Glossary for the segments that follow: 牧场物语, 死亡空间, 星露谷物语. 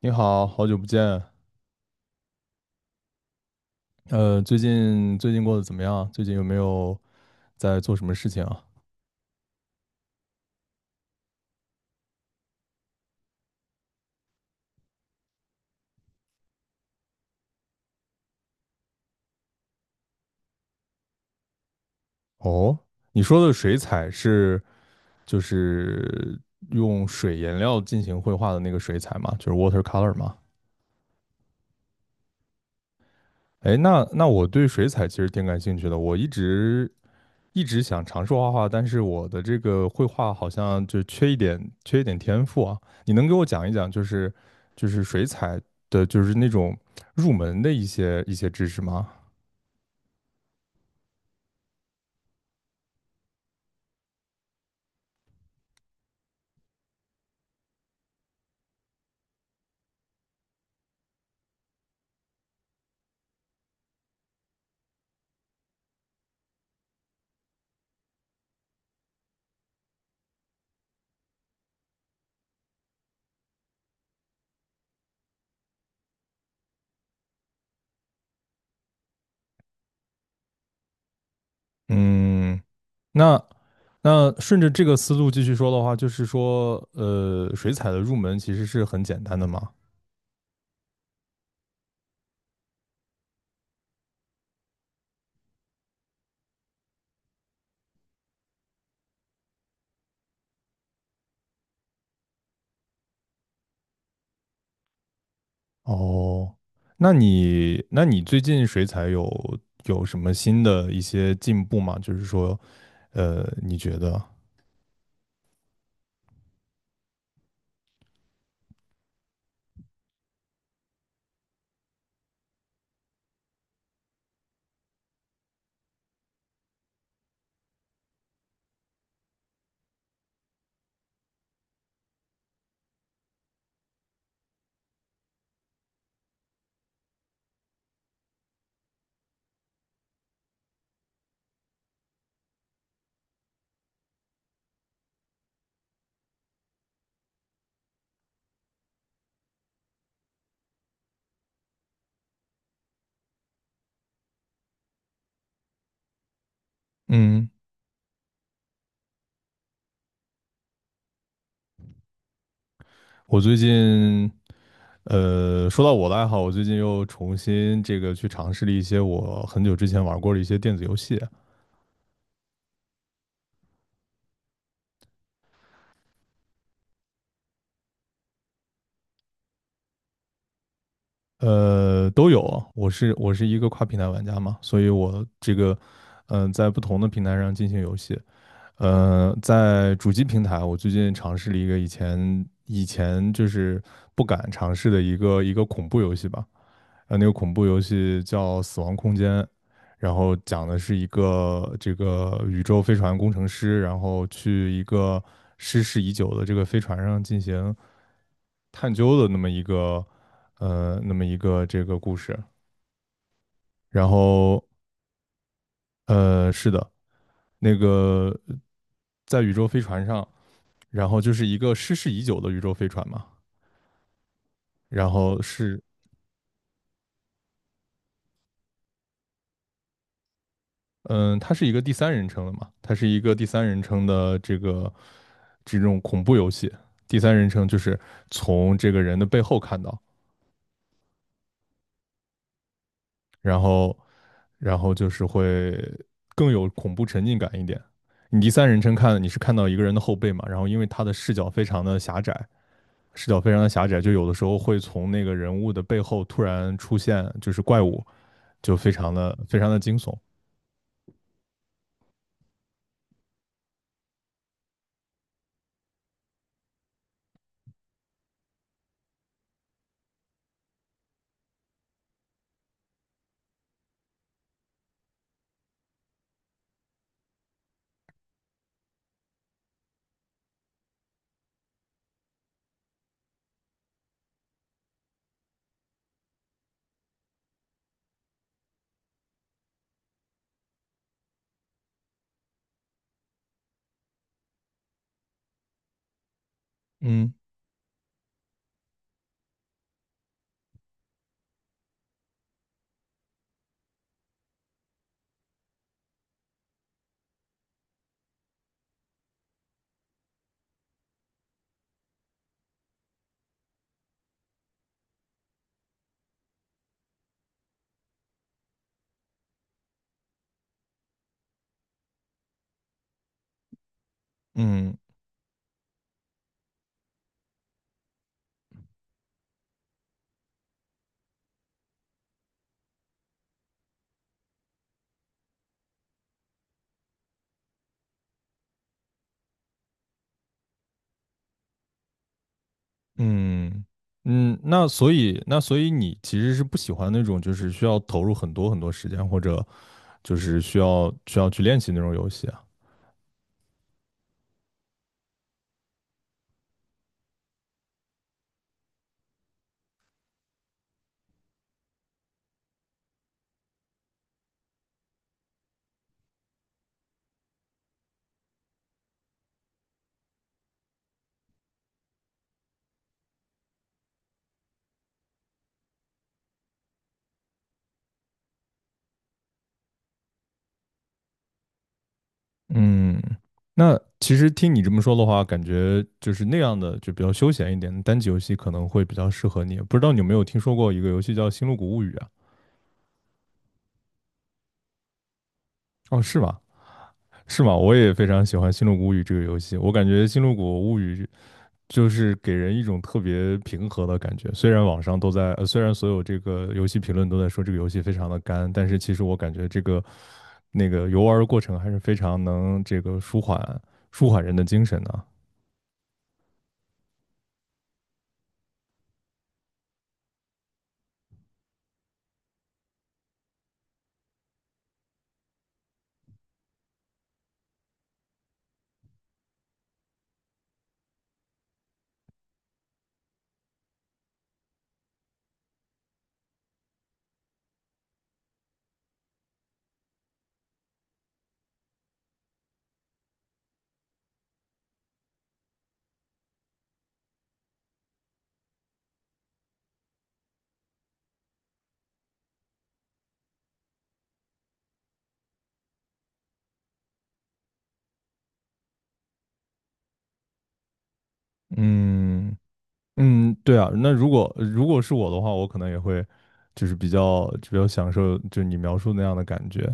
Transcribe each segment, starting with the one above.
你好，好久不见。最近过得怎么样？最近有没有在做什么事情啊？哦，你说的水彩是就是用水颜料进行绘画的那个水彩吗？就是 watercolor 吗？哎，那我对水彩其实挺感兴趣的，我一直想尝试画画，但是我的这个绘画好像就缺一点天赋啊。你能给我讲一讲，就是水彩的，就是那种入门的一些知识吗？嗯，那顺着这个思路继续说的话，就是说，水彩的入门其实是很简单的嘛。哦，那你最近水彩有什么新的一些进步吗？就是说，呃，你觉得？嗯，我最近，呃，说到我的爱好，我最近又重新这个去尝试了一些我很久之前玩过的一些电子游戏。呃，都有啊我是一个跨平台玩家嘛，所以我这个，嗯、在不同的平台上进行游戏。呃，在主机平台，我最近尝试了一个以前就是不敢尝试的一个恐怖游戏吧。呃，那个恐怖游戏叫《死亡空间》，然后讲的是一个这个宇宙飞船工程师，然后去一个失事已久的这个飞船上进行探究的那么一个那么一个这个故事。然后呃是的，那个在宇宙飞船上，然后就是一个失事已久的宇宙飞船嘛，然后是它是一个第三人称的嘛，它是一个第三人称的这个这种恐怖游戏。第三人称就是从这个人的背后看到，然后就是会更有恐怖沉浸感一点。你第三人称看，你是看到一个人的后背嘛，然后因为他的视角非常的狭窄，视角非常的狭窄，就有的时候会从那个人物的背后突然出现就是怪物，就非常的惊悚。嗯。嗯。嗯，嗯，那所以你其实是不喜欢那种就是需要投入很多时间或者就是需要去练习那种游戏。啊？嗯，那其实听你这么说的话，感觉就是那样的，就比较休闲一点的单机游戏可能会比较适合你。不知道你有没有听说过一个游戏叫《星露谷物语》啊？哦，是吗？是吗？我也非常喜欢《星露谷物语》这个游戏，我感觉《星露谷物语》就是给人一种特别平和的感觉。虽然网上都在，虽然所有这个游戏评论都在说这个游戏非常的干，但是其实我感觉那个游玩的过程还是非常能这个舒缓人的精神的。嗯。嗯，对啊，那如果是我的话，我可能也会就是比较就比较享受，就你描述那样的感觉。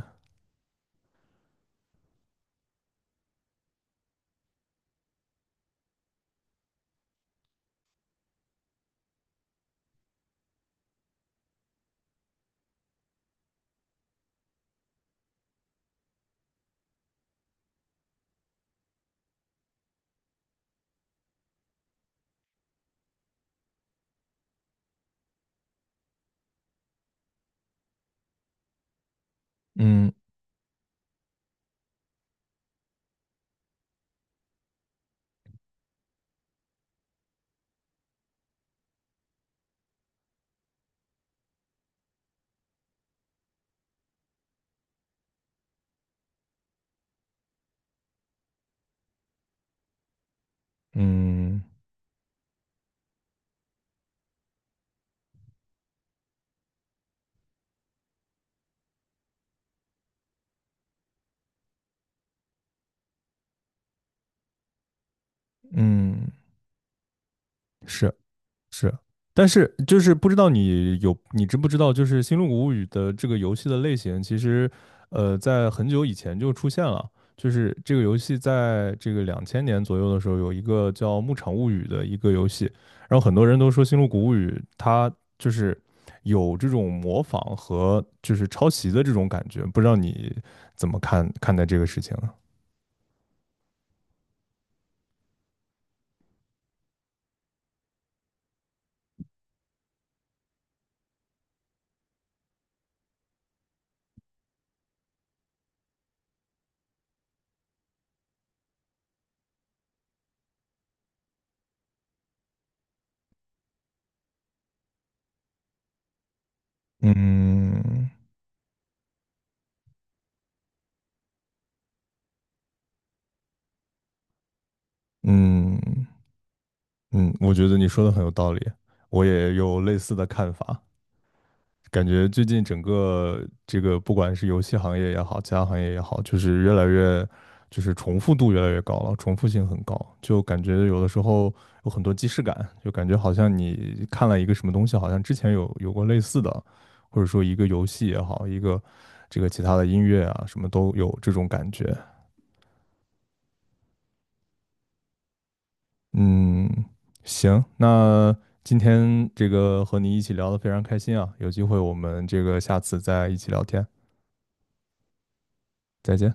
嗯。嗯。嗯，是。是，但是就是不知道你知不知道，就是《星露谷物语》的这个游戏的类型，其实在很久以前就出现了。就是这个游戏在这个两千年左右的时候，有一个叫《牧场物语》的一个游戏，然后很多人都说《星露谷物语》它就是有这种模仿和就是抄袭的这种感觉，不知道你怎么看看待这个事情呢？嗯。嗯。嗯，我觉得你说的很有道理，我也有类似的看法。感觉最近整个这个，不管是游戏行业也好，其他行业也好，就是越来越，就是重复度越来越高了，重复性很高，就感觉有的时候有很多既视感，就感觉好像你看了一个什么东西，好像之前有过类似的，或者说一个游戏也好，一个这个其他的音乐啊，什么都有这种感觉。嗯，行，那今天这个和你一起聊的非常开心啊，有机会我们这个下次再一起聊天，再见。